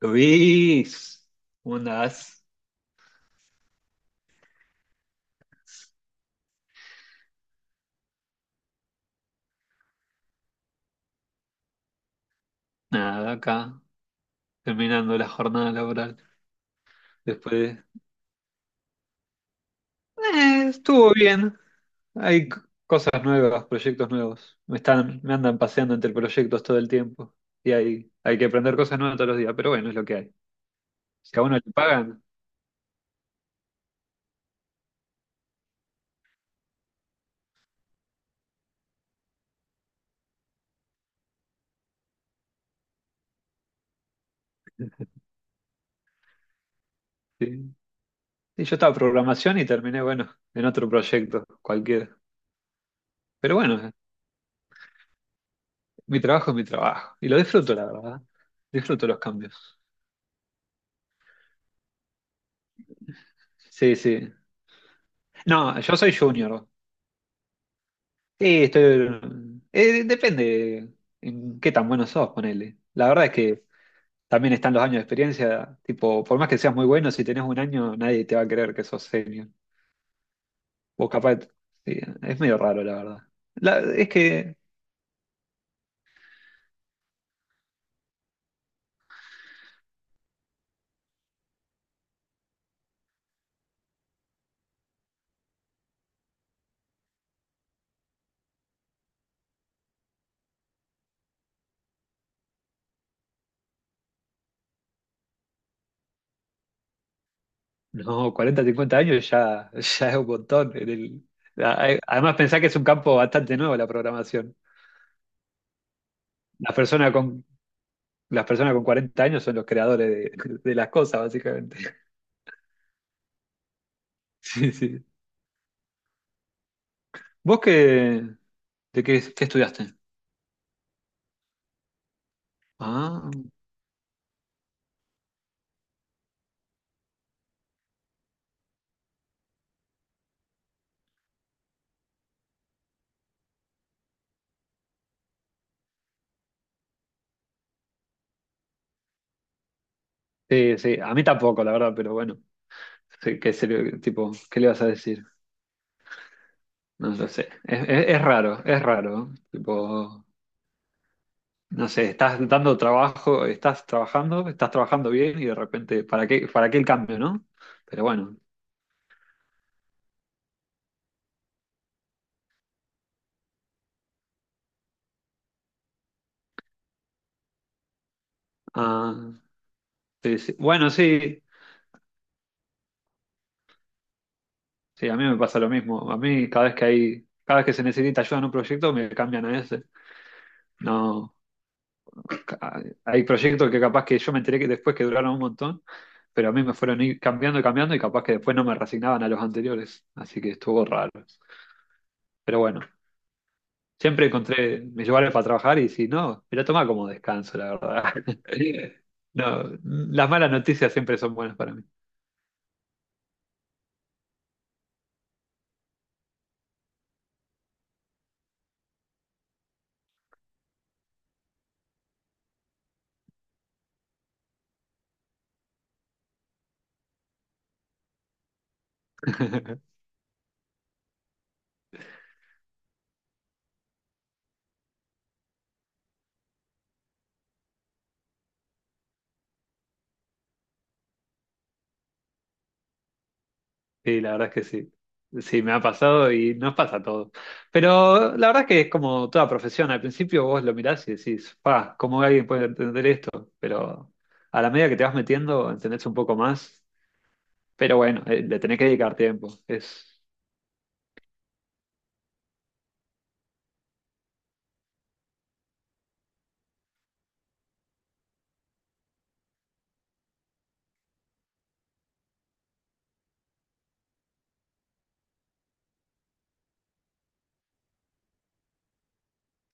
Luis, ¿cómo andás? Nada, acá, terminando la jornada laboral. Después, estuvo bien. Hay cosas nuevas, proyectos nuevos. Me andan paseando entre proyectos todo el tiempo. Y hay que aprender cosas nuevas todos los días, pero bueno, es lo que hay. Si a uno le pagan, sí. Sí, yo estaba en programación y terminé, bueno, en otro proyecto, cualquiera. Pero bueno, mi trabajo es mi trabajo. Y lo disfruto, la verdad. Disfruto los cambios. Sí, sí. No, yo soy junior. Sí, depende en qué tan bueno sos, ponele. La verdad es que también están los años de experiencia, tipo, por más que seas muy bueno, si tenés un año, nadie te va a creer que sos senior. Vos capaz, sí, es medio raro, la verdad. Es que, no, 40-50 años ya, ya es un montón. Además, pensá que es un campo bastante nuevo la programación. Las personas con, las personas con 40 años son los creadores de las cosas, básicamente. Sí, sí. ¿Vos qué, de qué estudiaste? Ah, sí, sí, a mí tampoco, la verdad, pero bueno, sí, qué serio, tipo, ¿qué le vas a decir? No lo sé, es raro, es raro, ¿no? Tipo, no sé, estás dando trabajo, estás trabajando bien y de repente, ¿para qué el cambio, no? Pero bueno, ah, sí, sí. Bueno, sí, sí, a mí me pasa lo mismo, a mí cada vez que se necesita ayuda en un proyecto me cambian a ese. No. Hay proyectos que capaz que yo me enteré que después que duraron un montón, pero a mí me fueron ir cambiando y cambiando y capaz que después no me resignaban a los anteriores, así que estuvo raro. Pero bueno, siempre encontré mis lugares para trabajar y si no, me lo tomaba como descanso, la verdad. No, las malas noticias siempre son buenas para mí. Sí, la verdad es que sí. Sí, me ha pasado y nos pasa todo. Pero la verdad es que es como toda profesión. Al principio vos lo mirás y decís, pa, ¿cómo alguien puede entender esto? Pero a la medida que te vas metiendo, entendés un poco más. Pero bueno, le tenés que dedicar tiempo.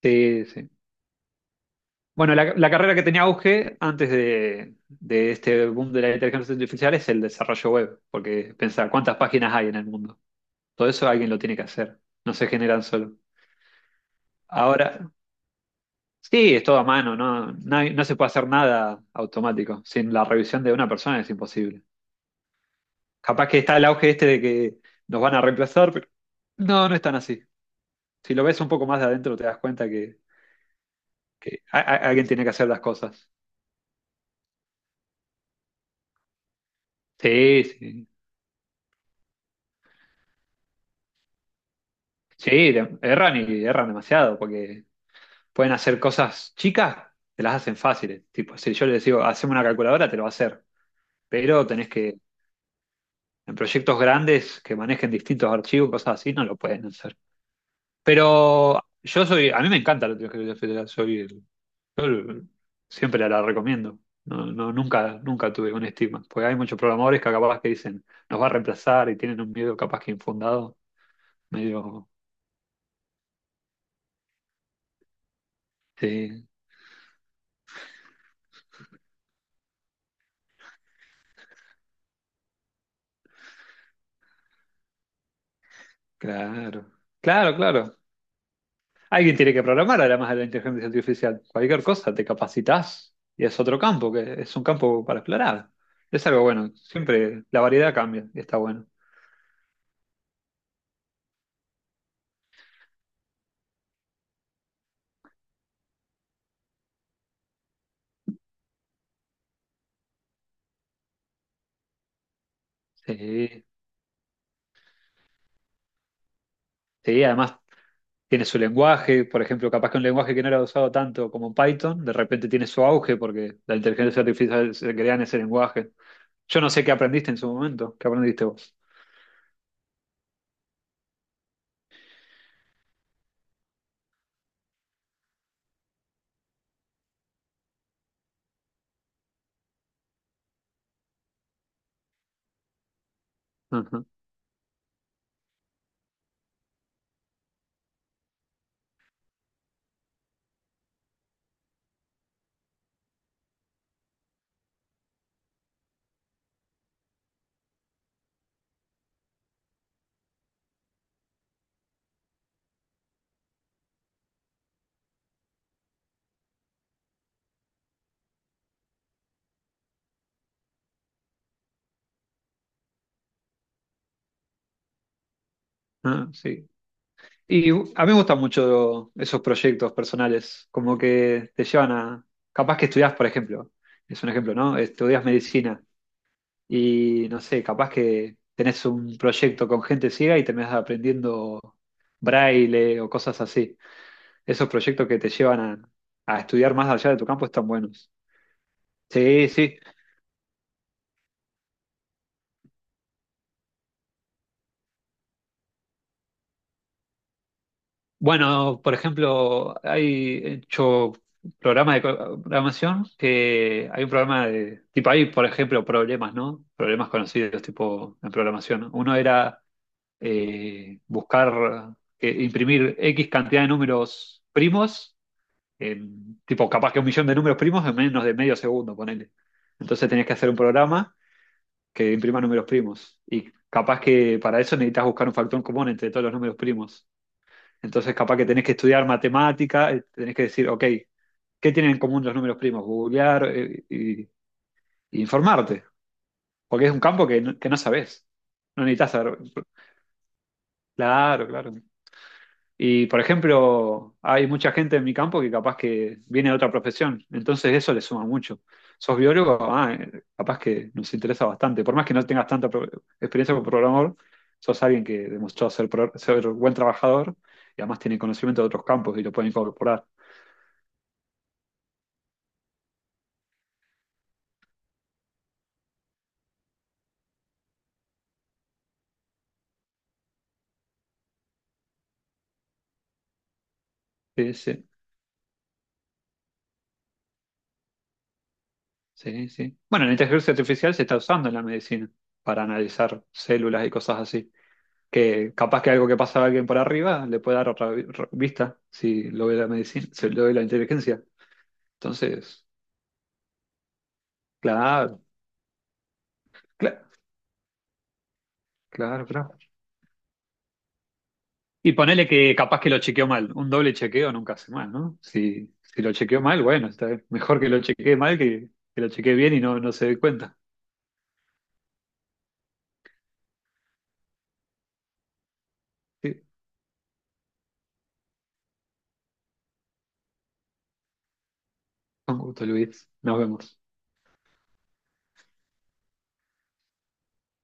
Sí, sí. Bueno, la carrera que tenía auge antes de este boom de la inteligencia artificial es el desarrollo web. Porque pensar cuántas páginas hay en el mundo. Todo eso alguien lo tiene que hacer. No se generan solo. Ahora. Sí, es todo a mano, no, no se puede hacer nada automático. Sin la revisión de una persona es imposible. Capaz que está el auge este de que nos van a reemplazar, pero no, no es tan así. Si lo ves un poco más de adentro, te das cuenta que, que alguien tiene que hacer las cosas. Sí, sí. Sí, erran y erran demasiado, porque pueden hacer cosas chicas, te las hacen fáciles. Tipo, si yo les digo, haceme una calculadora, te lo va a hacer. Pero tenés que, en proyectos grandes que manejen distintos archivos, cosas así, no lo pueden hacer. Pero yo soy, a mí me encanta la teología federal, soy el- yo el- siempre la recomiendo. No, no, nunca tuve un estigma, porque hay muchos programadores que capaz que dicen nos va a reemplazar y tienen un miedo capaz que infundado, medio, sí, claro, claro, claro. Alguien tiene que programar además de la inteligencia artificial. Cualquier cosa te capacitas y es otro campo, que es un campo para explorar. Es algo bueno, siempre la variedad cambia y está bueno. Sí, sí, además tiene su lenguaje, por ejemplo, capaz que un lenguaje que no era usado tanto como Python, de repente tiene su auge porque la inteligencia artificial se crea en ese lenguaje. Yo no sé qué aprendiste en su momento, qué aprendiste vos. Ajá, ah, sí. Y a mí me gustan mucho esos proyectos personales, como que te llevan a, capaz que estudias, por ejemplo, es un ejemplo, ¿no? Estudias medicina y no sé, capaz que tenés un proyecto con gente ciega y terminás aprendiendo braille o cosas así. Esos proyectos que te llevan a estudiar más allá de tu campo están buenos. Sí, sí. Bueno, por ejemplo, hay hecho programas de programación que hay un programa de tipo hay, por ejemplo, problemas, ¿no? Problemas conocidos tipo en programación. Uno era buscar imprimir X cantidad de números primos, tipo capaz que un millón de números primos en menos de medio segundo, ponele. Entonces tenías que hacer un programa que imprima números primos. Y capaz que para eso necesitas buscar un factor común entre todos los números primos. Entonces, capaz que tenés que estudiar matemática, tenés que decir, ok, ¿qué tienen en común los números primos? Googlear y informarte, porque es un campo que no sabés. No necesitas saber. Claro, claro. Y, por ejemplo, hay mucha gente en mi campo que capaz que viene de otra profesión, entonces eso le suma mucho. ¿Sos biólogo? Ah, capaz que nos interesa bastante. Por más que no tengas tanta experiencia como programador, sos alguien que demostró ser, ser buen trabajador y además tiene conocimiento de otros campos y lo pueden incorporar. Sí, sí, sí, sí. Bueno, la inteligencia artificial se está usando en la medicina para analizar células y cosas así. Que capaz que algo que pasa a alguien por arriba le puede dar otra vista si lo ve la medicina, si lo ve la inteligencia. Entonces, claro, claro, claro, claro. Y ponele que capaz que lo chequeó mal. Un doble chequeo nunca hace mal, ¿no? Si lo chequeó mal, bueno, está bien. Mejor que lo chequee mal que lo chequee bien y no se dé cuenta. Sí, con gusto, Luis. Nos vemos.